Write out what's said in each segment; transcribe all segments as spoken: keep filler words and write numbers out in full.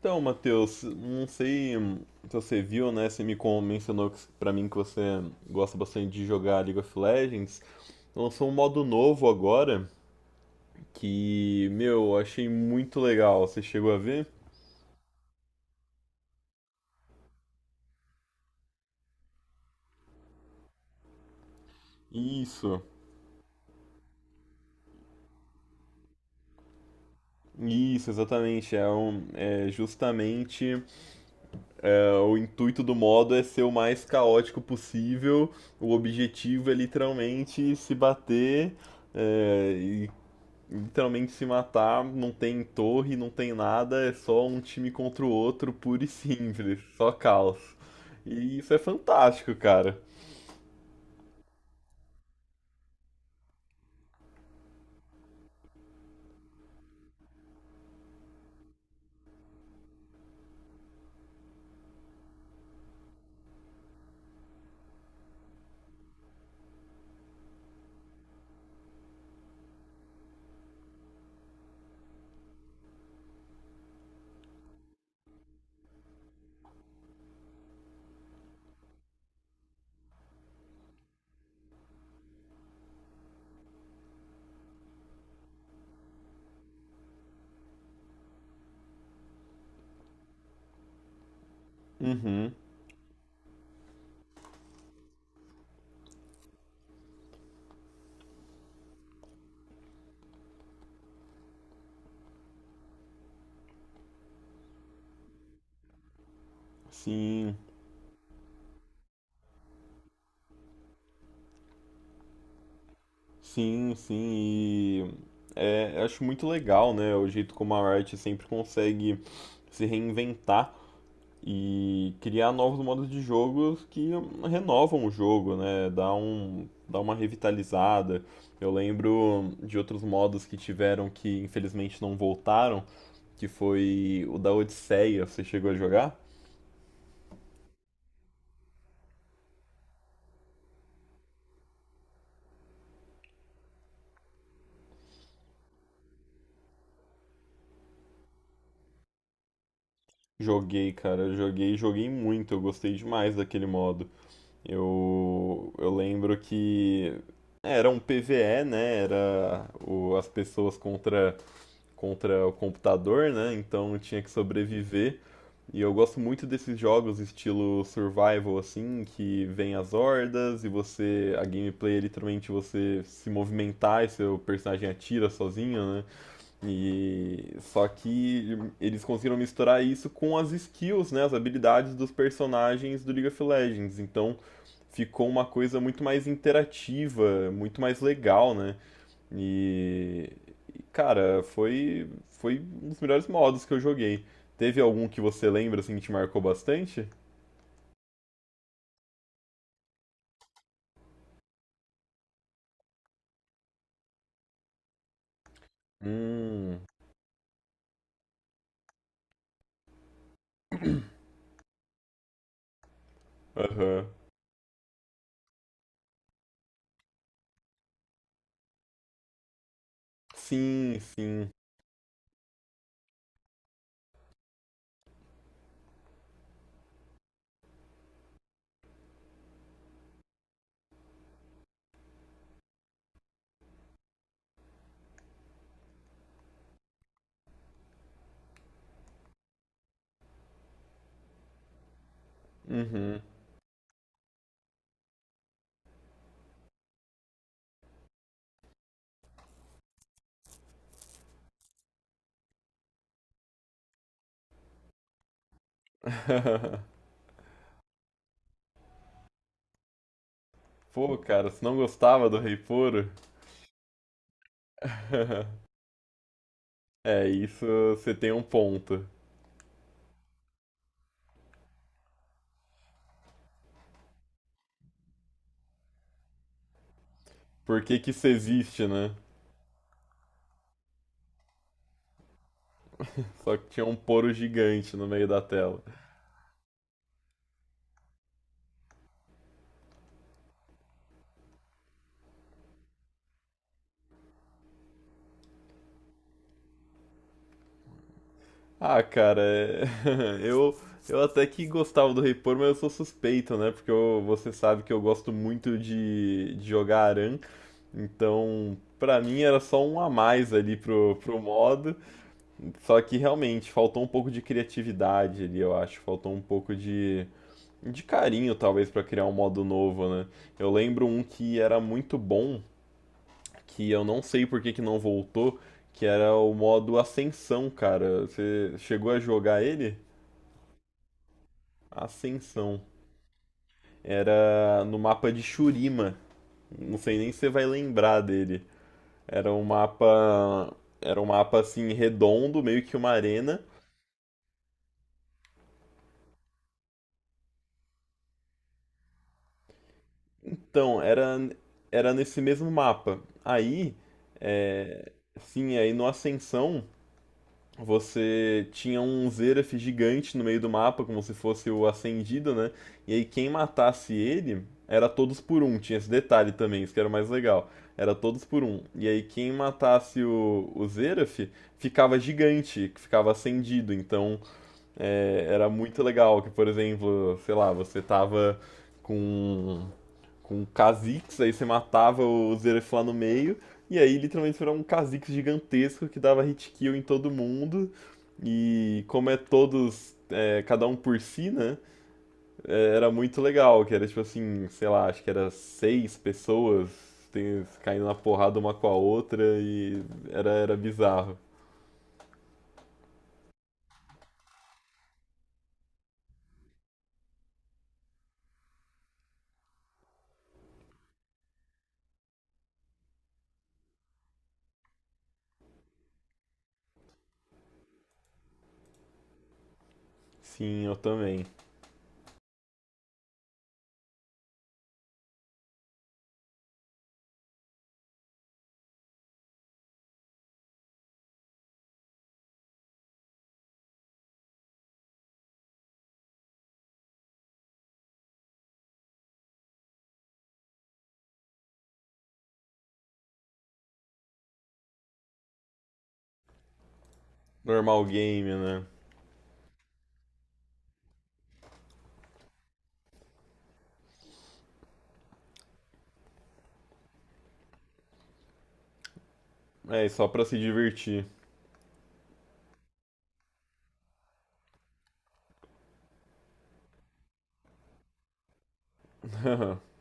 Então, Matheus, não sei se você viu, né? Você me com- mencionou que- pra mim que você gosta bastante de jogar League of Legends. Lançou um modo novo agora que, meu, eu achei muito legal. Você chegou a ver? Isso, isso, exatamente. É, um- é justamente é, o intuito do modo é ser o mais caótico possível. O objetivo é literalmente se bater é, e literalmente se matar, não tem torre, não tem nada, é só um time contra o outro, puro e simples, só caos. E isso é fantástico, cara. Uhum, sim, sim, sim, e é, eu acho muito legal, né, o jeito como a Riot sempre consegue se reinventar e criar novos modos de jogos que renovam o jogo, né? Dá um, dá uma revitalizada. Eu lembro de outros modos que tiveram que infelizmente não voltaram, que foi o da Odisseia. Você chegou a jogar? Joguei, cara, joguei, joguei muito. Eu gostei demais daquele modo. Eu, eu lembro que era um P V E, né? Era o- as pessoas contra contra o computador, né? Então eu tinha que sobreviver. E eu gosto muito desses jogos estilo survival assim, que vem as hordas e você, a gameplay é literalmente você se movimentar e seu personagem atira sozinho, né? E só que eles conseguiram misturar isso com as skills, né, as habilidades dos personagens do League of Legends. Então ficou uma coisa muito mais interativa, muito mais legal, né? E cara, foi, foi um dos melhores modos que eu joguei. Teve algum que você lembra assim que te marcou bastante? Hum, aham. Sim, sim. Uhum. Pô, cara, você não gostava do Rei Puro? É, isso você tem um ponto. Por que que isso existe, né? Só que tinha um poro gigante no meio da tela. Ah, cara, é... eu, eu até que gostava do Rei Por, mas eu sou suspeito, né? Porque eu- você sabe que eu gosto muito de, de jogar Aran, então pra mim era só um a mais ali pro, pro modo. Só que realmente faltou um pouco de criatividade ali, eu acho. Faltou um pouco de, de carinho, talvez, pra criar um modo novo, né? Eu lembro um que era muito bom, que eu não sei por que que não voltou, que era o modo Ascensão, cara. Você chegou a jogar ele? Ascensão. Era no mapa de Shurima. Não sei nem se você vai lembrar dele. Era um mapa. Era um mapa assim redondo, meio que uma arena. Então, era, Era nesse mesmo mapa. Aí, é, sim, aí no Ascensão você tinha um Xerath gigante no meio do mapa, como se fosse o Ascendido, né? E aí quem matasse ele era todos por um, tinha esse detalhe também, isso que era o mais legal. Era todos por um. E aí quem matasse o, o Xerath ficava gigante, ficava acendido. Então é, era muito legal que, por exemplo, sei lá, você tava com com um Kha'Zix, aí você matava o Xerath lá no meio, e aí literalmente era um Kha'Zix gigantesco que dava hit kill em todo mundo, e como é todos, é, cada um por si, né, é, era muito legal, que era tipo assim, sei lá, acho que era seis pessoas tem- caindo na porrada uma com a outra, e era, era bizarro. Sim, eu também. Normal game, né? É, só pra se divertir.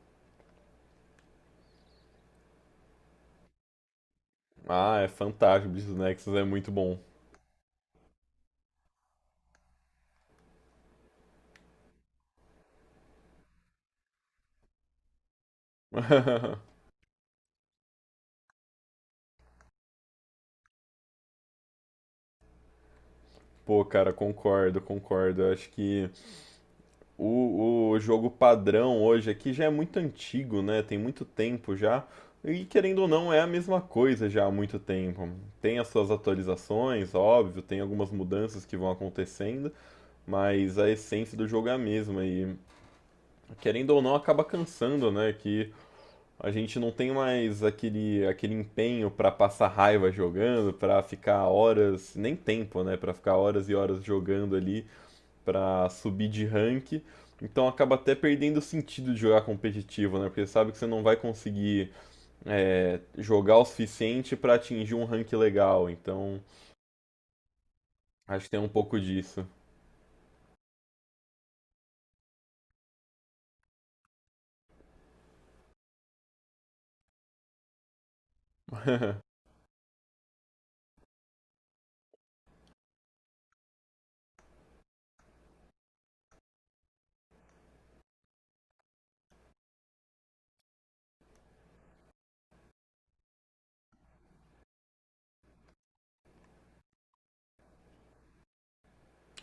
Ah, é fantástico, o Blitz Nexus é muito bom. Pô, cara, concordo, concordo. Eu acho que o, o jogo padrão hoje aqui já é muito antigo, né? Tem muito tempo já. E querendo ou não, é a mesma coisa já há muito tempo. Tem as suas atualizações, óbvio, tem algumas mudanças que vão acontecendo, mas a essência do jogo é a mesma. E querendo ou não, acaba cansando, né? Que a gente não tem mais aquele, aquele empenho pra passar raiva jogando, pra ficar horas, nem tempo, né? Pra ficar horas e horas jogando ali para subir de rank. Então acaba até perdendo o sentido de jogar competitivo, né? Porque sabe que você não vai conseguir é, jogar o suficiente para atingir um rank legal. Então acho que tem um pouco disso.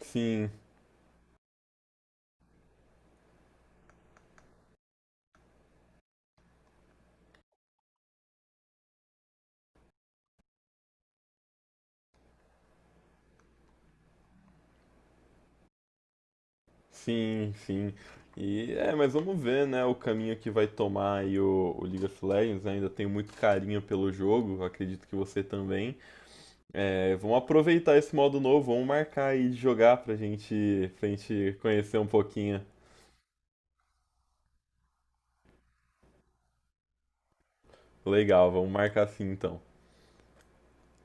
sim, sim, sim. E é, mas vamos ver, né, o caminho que vai tomar aí o, o League of Legends. Né? Ainda tenho muito carinho pelo jogo, acredito que você também. É, vamos aproveitar esse modo novo, vamos marcar aí de jogar pra gente, pra gente conhecer um pouquinho. Legal, vamos marcar assim então.